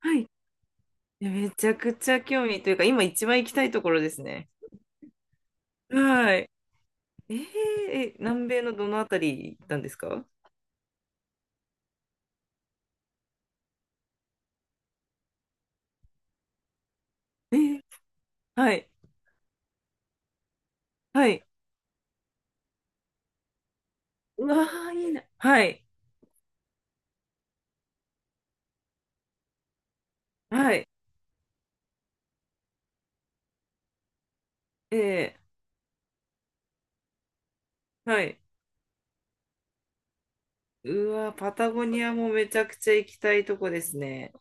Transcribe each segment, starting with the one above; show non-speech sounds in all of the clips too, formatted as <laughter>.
はい。いや、めちゃくちゃ興味というか、今一番行きたいところですね。はい。えー、南米のどのあたり行ったんですか？えー、はい。はい。うわー、いいな。はい。はい。えはい。うわー、パタゴニアもめちゃくちゃ行きたいとこですね。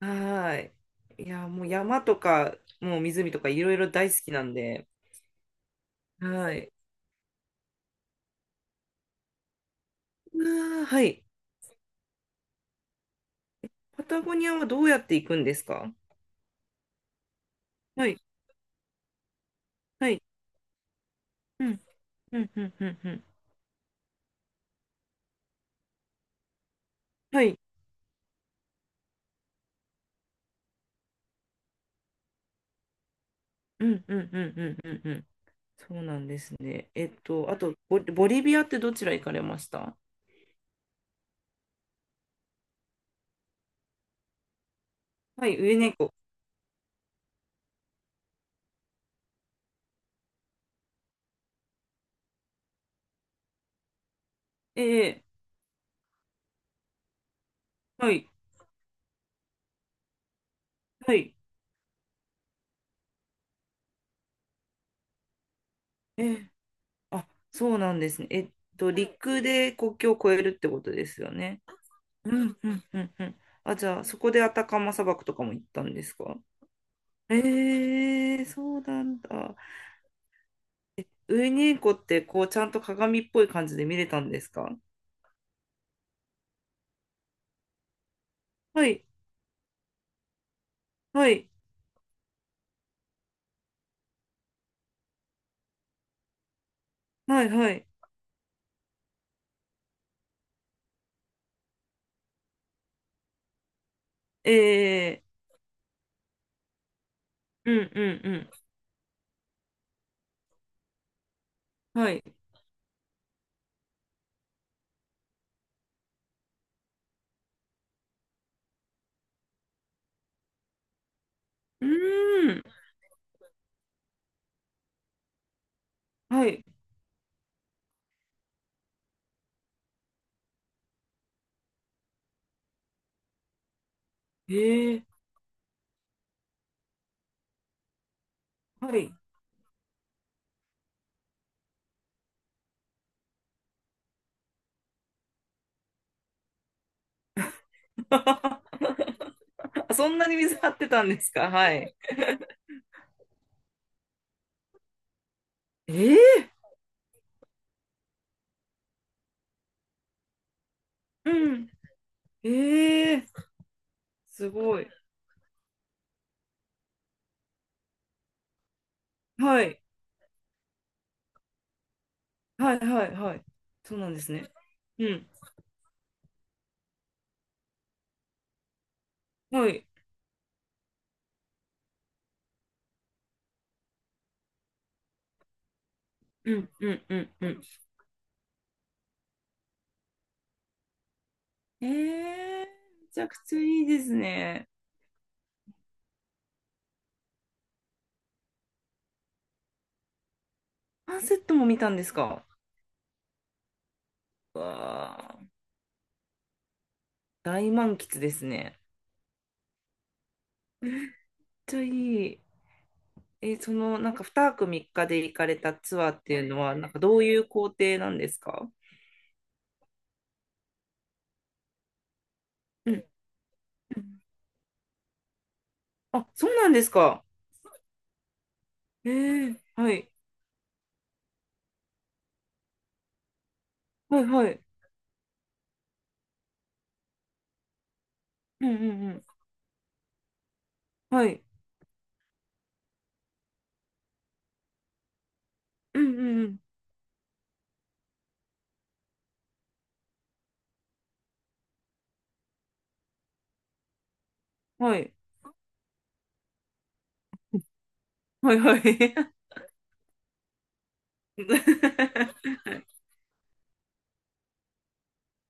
はーい。いや、もう山とか、もう湖とかいろいろ大好きなんで。はい。うわー、はい。パタゴニアはどうやって行くんですか？はい。はい。うん、うん、うん、うん、うん。はい。うんうんうんうんうんうん。そうなんですね。あと、ボリビアってどちら行かれました？はい、上猫。ええ、はい、はい。ええ、あ、そうなんですね。陸で国境を越えるってことですよね。うんうんうんうん。あ、じゃあ、そこでアタカマ砂漠とかも行ったんですか？ええ、そうなんだ。ウユニーコって、こう、ちゃんと鏡っぽい感じで見れたんですか？はい、はい、はい、はい。ええ、うんうんうん。はい。うーん。はい。ええ、はい。<laughs> あ、そんなに水張ってたんですか？はい。ええ、うん。ええ、すごい。はい。はいはいはい。そうなんですね。うん。はい。うんうんうんうん。ええ、めちゃくちゃいいですね。アンセットも見たんですか？わあ、大満喫ですね。めっちゃいい。なんか2泊3日で行かれたツアーっていうのは、なんかどういう行程なんですか？うん、あ、そうなんですか。ええ、はい。はいはい。うんうんうん。はい。うんうんうん。はい。はいはい。<laughs>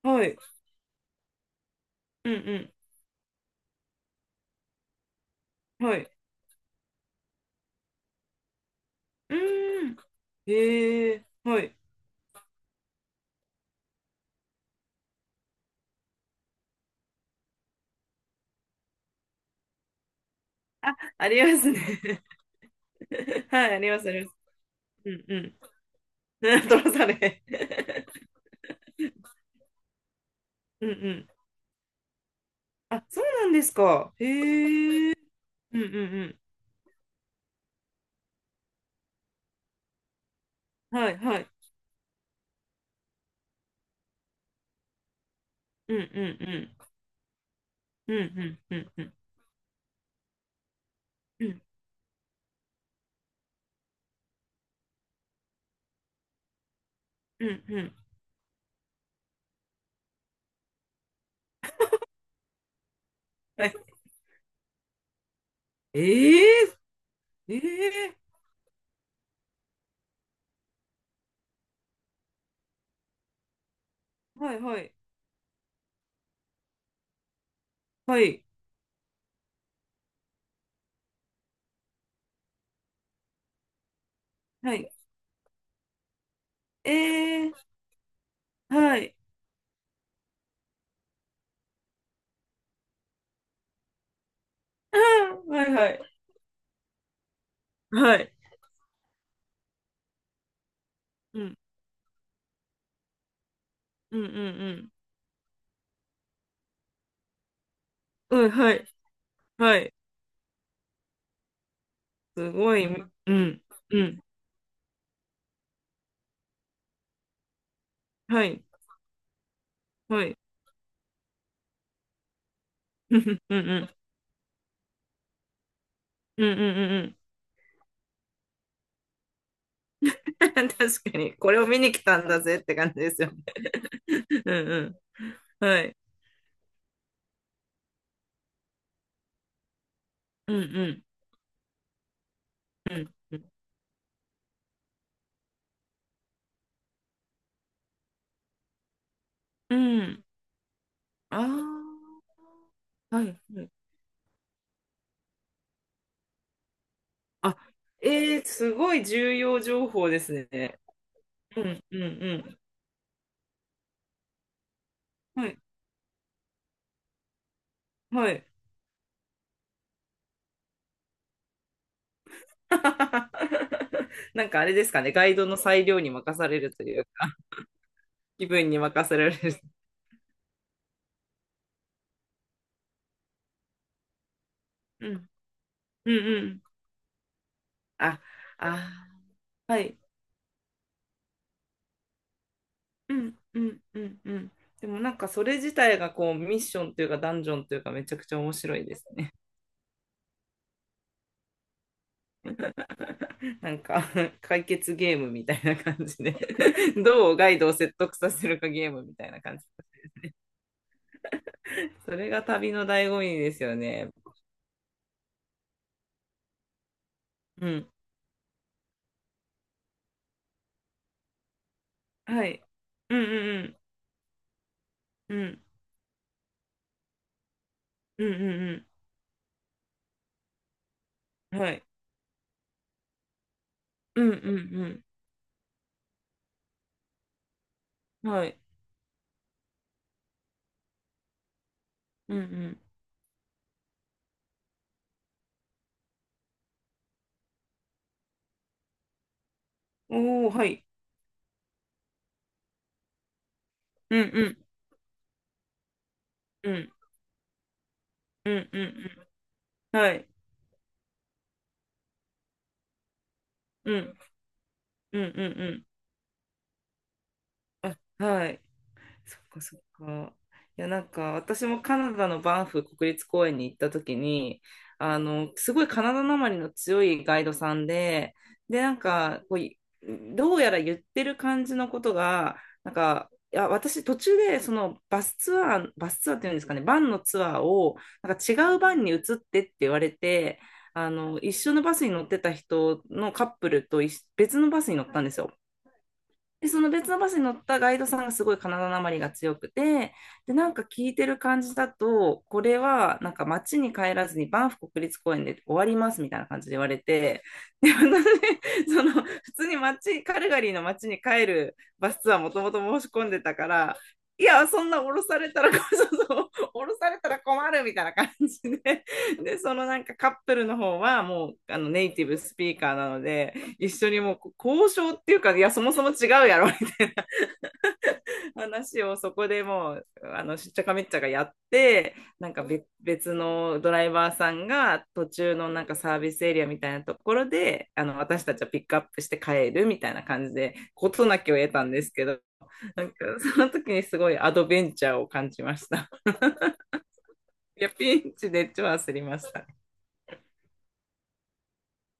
はい。うんうん。はい。うーん。ええ、はい。あ、ありますね。<laughs> はい、あります、あります。うんうん。<laughs> トロサレ。<laughs> うんうん。あ、そうなんですか。へえ。うんうんうん。はいはい。うんうんうん。うんうんうんうん。うんうんうん。はい。ええええはいはい。はい。はい。ええ、はい。あー、はいはい。はい。うん。うんうんうん。うん、はい。はい。すごい。うん。うん。はい。はい。<laughs> うんうんうん。うんうんうんうん。<laughs> 確かに、これを見に来たんだぜって感じですよね。<laughs> うんうん。はい。うんうん。うんうん。うん。ああ、はいはい。あ、ええ、すごい重要情報ですね。うんうんうん。はい。はい。<laughs> なんかあれですかね、ガイドの裁量に任されるというか、気分に任せられる。うん。うんうん。あ、あ、はい。うんうんうんうん。でもなんかそれ自体がこうミッションというかダンジョンというかめちゃくちゃ面白いですね。<laughs> なんか解決ゲームみたいな感じで <laughs> どうガイドを説得させるかゲームみたいな感じ。それが旅の醍醐味ですよね。うん。はい。うんうんうん。うんうんうんうん。はい。うんうんうん。はい。うんうん。おー、はい。うんうんうん。うんうんうん。はい。うんうんうんうん。あ、はい。そっかそっか。いや、なんか私もカナダのバンフ国立公園に行った時に、すごいカナダなまりの強いガイドさんで、で、なんかこうい、どうやら言ってる感じのことが、なんか、いや、私途中でそのバスツアー、バスツアーっていうんですかね、バンのツアーを、なんか違うバンに移ってって言われて、一緒のバスに乗ってた人のカップルと一緒別のバスに乗ったんですよ。で、その別のバスに乗ったガイドさんがすごいカナダなまりが強くて、で、なんか聞いてる感じだと、これはなんか街に帰らずにバンフ国立公園で終わりますみたいな感じで言われて、で、私、その普通に街、カルガリーの街に帰るバスツアーもともと申し込んでたから、いや、そんな降ろされたら、<laughs> そうそう、降ろされたら困るみたいな感じで、で、そのなんかカップルの方はもうあのネイティブスピーカーなので、一緒にもう交渉っていうか、いや、そもそも違うやろ <laughs>、話をそこでもう、しっちゃかめっちゃがやって、なんか別別のドライバーさんが途中のなんかサービスエリアみたいなところで、私たちはピックアップして帰るみたいな感じで、事なきを得たんですけど、なんかその時にすごいアドベンチャーを感じました。いや、ピンチで超焦りました。